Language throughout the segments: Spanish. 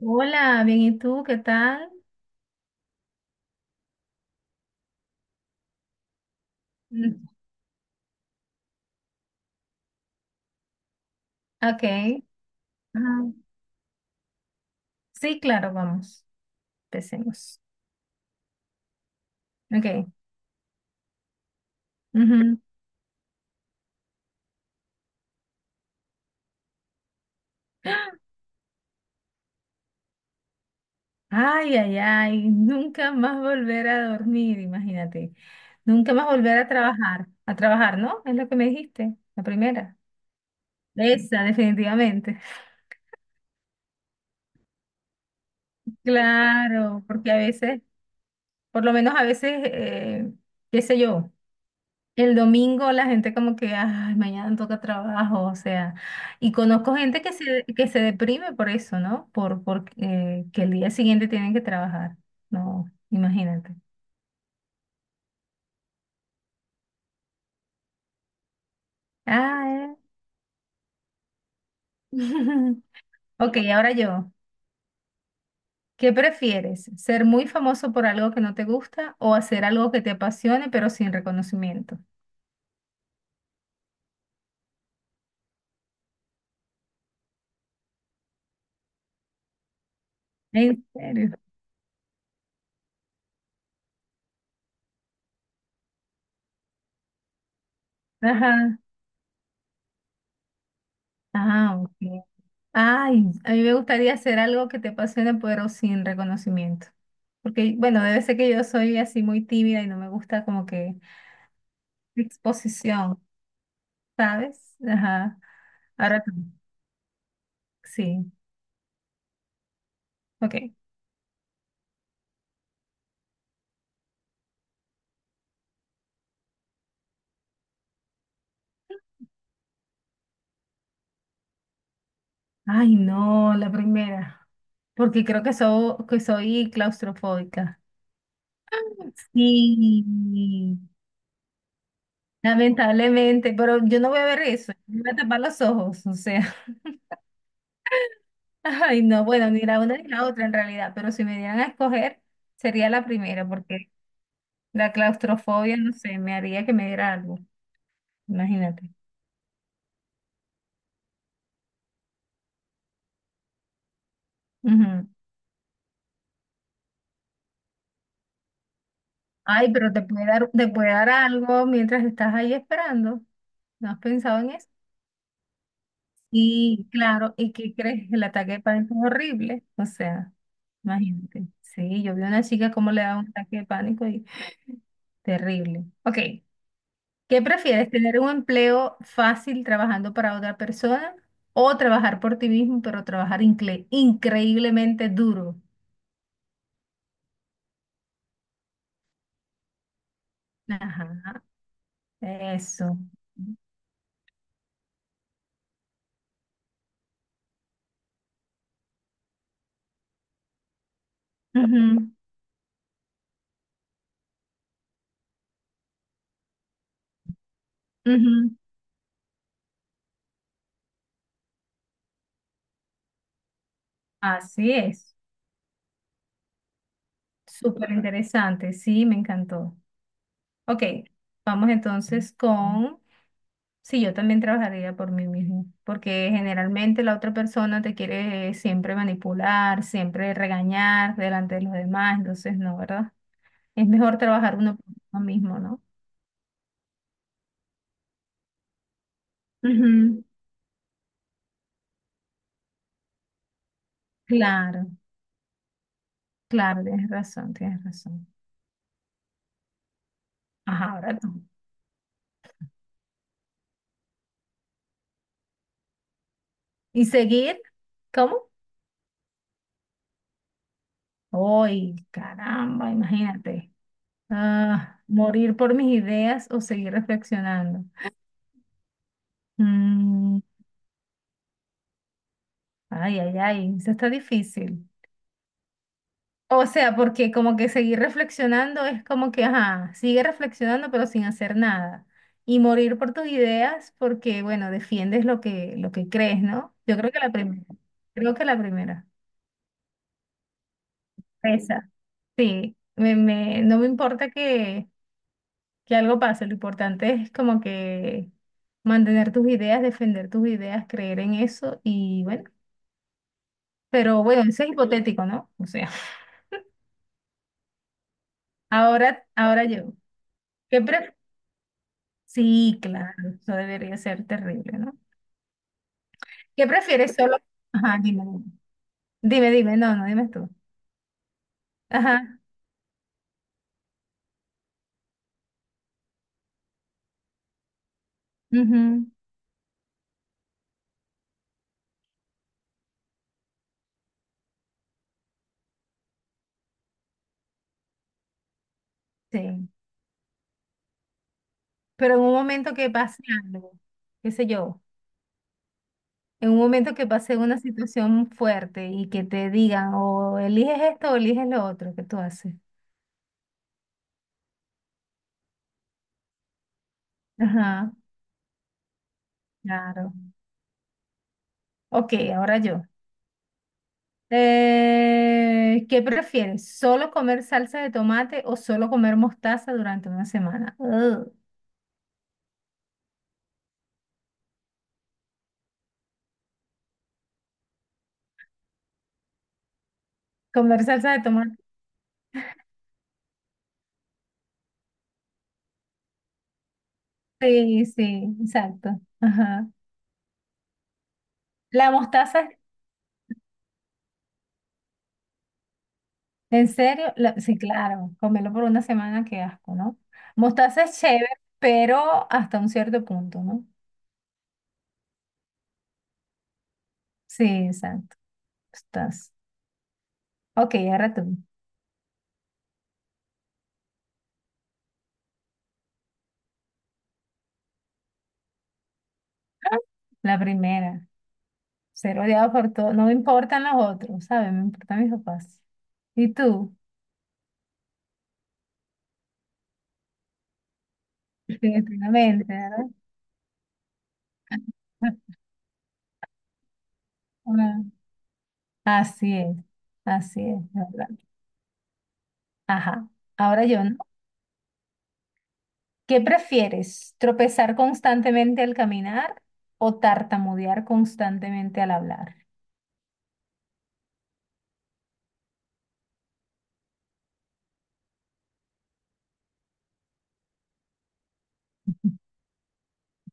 Hola, bien, ¿y tú? ¿Qué tal? Mm. Ok. Ajá. Sí, claro, vamos. Empecemos. Ok. Ujú. Ay, ay, ay. Nunca más volver a dormir, imagínate. Nunca más volver a trabajar. A trabajar, ¿no? Es lo que me dijiste, la primera. Esa, definitivamente. Claro, porque a veces, por lo menos a veces, qué sé yo. El domingo la gente como que, ay, mañana toca trabajo, o sea, y conozco gente que se deprime por eso, ¿no? Por que el día siguiente tienen que trabajar. No, imagínate. Ah, eh. Ok, ahora yo. ¿Qué prefieres? ¿Ser muy famoso por algo que no te gusta o hacer algo que te apasione pero sin reconocimiento? ¿En serio? Ajá. Ah, ok. Ay, a mí me gustaría hacer algo que te apasione, pero sin reconocimiento. Porque, bueno, debe ser que yo soy así muy tímida y no me gusta como que exposición, ¿sabes? Ajá. Ahora tú. Sí, ok. Ay, no, la primera. Porque creo que, que soy claustrofóbica. Sí, lamentablemente, pero yo no voy a ver eso. Me voy a tapar los ojos, o sea. Ay, no, bueno, ni la una ni la otra en realidad, pero si me dieran a escoger, sería la primera, porque la claustrofobia, no sé, me haría que me diera algo, imagínate. Ujú. Ay, pero te puede dar algo mientras estás ahí esperando. ¿No has pensado en eso? Y claro, ¿y qué crees? El ataque de pánico es horrible. O sea, imagínate. Sí, yo vi a una chica cómo le daba un ataque de pánico y terrible. Ok, ¿qué prefieres, tener un empleo fácil trabajando para otra persona o trabajar por ti mismo, pero trabajar increíblemente duro? Ajá, eso. Ujú, ujú. Así es. Súper interesante, sí, me encantó. Ok, vamos entonces con si yo también trabajaría por mí mismo, porque generalmente la otra persona te quiere siempre manipular, siempre regañar delante de los demás, entonces no, ¿verdad? Es mejor trabajar uno por uno mismo, ¿no? Ujú. Claro, claro, tienes razón, tienes razón. Ajá, ahora tú. ¿Y seguir? ¿Cómo? ¡Ay, caramba! Imagínate. Ah, morir por mis ideas o seguir reflexionando. Mm, Ay, ay, ay, eso está difícil. O sea, porque como que seguir reflexionando es como que, ajá, sigue reflexionando pero sin hacer nada. Y morir por tus ideas porque, bueno, defiendes lo que crees, ¿no? Yo creo que la primera. Creo que la primera. Esa. Sí, no me importa que algo pase, lo importante es como que mantener tus ideas, defender tus ideas, creer en eso y bueno, pero bueno, eso es hipotético, ¿no? O sea, ahora, ahora yo. ¿Qué prefieres? Sí, claro, eso debería ser terrible, ¿no? ¿Qué prefieres solo? Ajá, dime, dime. Dime, dime, no, no, dime tú. Ajá, ujú, sí. Pero en un momento que pase algo, qué sé yo, en un momento que pase una situación fuerte y que te digan o eliges esto o eliges lo otro, ¿qué tú haces? Ajá, claro. Ok, ahora yo. ¿Qué prefieres? ¿Solo comer salsa de tomate o solo comer mostaza durante una semana? Ugh. Comer salsa de tomate. Sí, sí, exacto. Ajá. La mostaza, en serio, sí, claro, comerlo por una semana, qué asco, ¿no? Mostaza es chévere, pero hasta un cierto punto, ¿no? Sí, exacto. Estás. Ok, ahora tú. ¡Ah! La primera. Ser odiado por todo. No me importan los otros, ¿sabes? Me importan mis papás. ¿Y tú? Definitivamente, ¿verdad? Ah, así es, así es, ¿verdad? Ajá. Ahora yo, ¿no? ¿Qué prefieres? ¿Tropezar constantemente al caminar o tartamudear constantemente al hablar?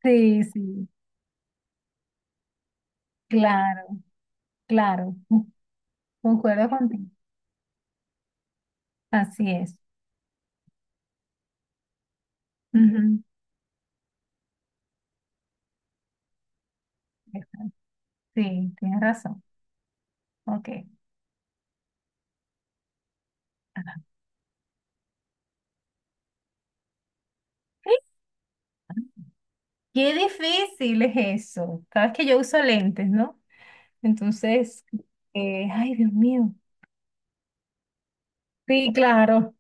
Sí, sí, claro, claro. Concuerdo contigo. Así es. Ujú. Sí, tienes razón. Ok. Ajá. ¡Ay! Qué difícil es eso. Sabes que yo uso lentes, ¿no? Entonces, ay, Dios mío. Sí, claro.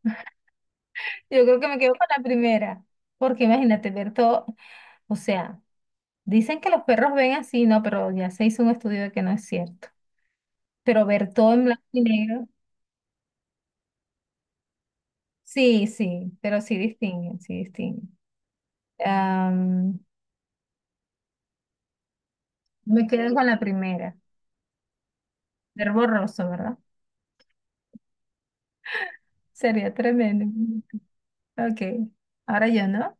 Yo creo que me quedo con la primera, porque imagínate ver todo, o sea, dicen que los perros ven así, no, pero ya se hizo un estudio de que no es cierto. Pero ver todo en blanco y negro, sí, sí, pero sí distinguen, sí distinguen. Am, me quedo con la primera, ver borroso, ¿verdad? Sería tremendo. Ok, ahora yo, ¿no?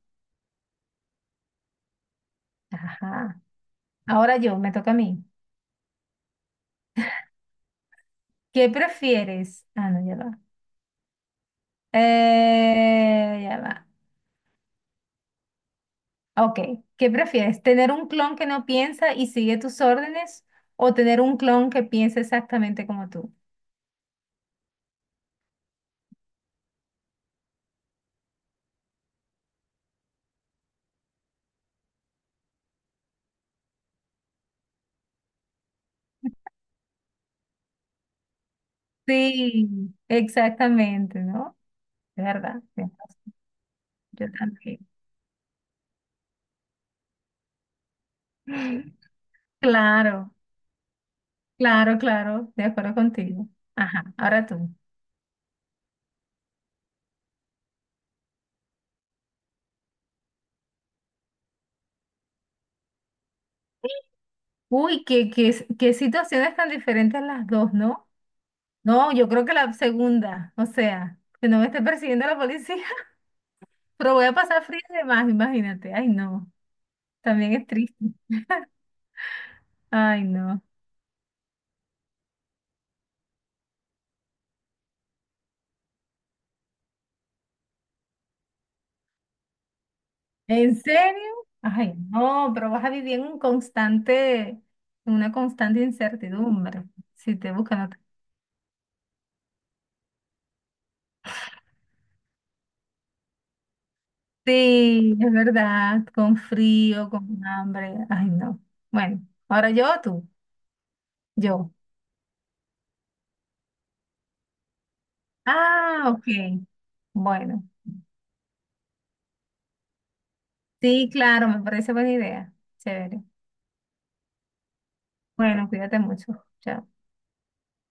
Ajá, ahora yo, me toca a mí. ¿Qué prefieres? Ah, no, ya va. Ya va. Ok, ¿qué prefieres? ¿Tener un clon que no piensa y sigue tus órdenes o tener un clon que piensa exactamente como tú? Sí, exactamente, ¿no? De verdad, tienes razón, yo también. Claro, claro, claro, de acuerdo contigo. Ajá, ahora tú. Uy, qué, qué, qué situaciones tan diferentes las dos, ¿no? No, yo creo que la segunda, o sea, que no me esté persiguiendo la policía, pero voy a pasar frío de más, imagínate. Ay, no, también es triste. Ay, no. ¿En serio? Ay, no, pero vas a vivir en un constante, en una constante incertidumbre. Si te buscan otra. Sí, es verdad, con frío, con hambre. Ay, no. Bueno, ahora yo o tú, yo. Ah, ok. Bueno, sí, claro, me parece buena idea. Chévere. Bueno, cuídate mucho. Chao.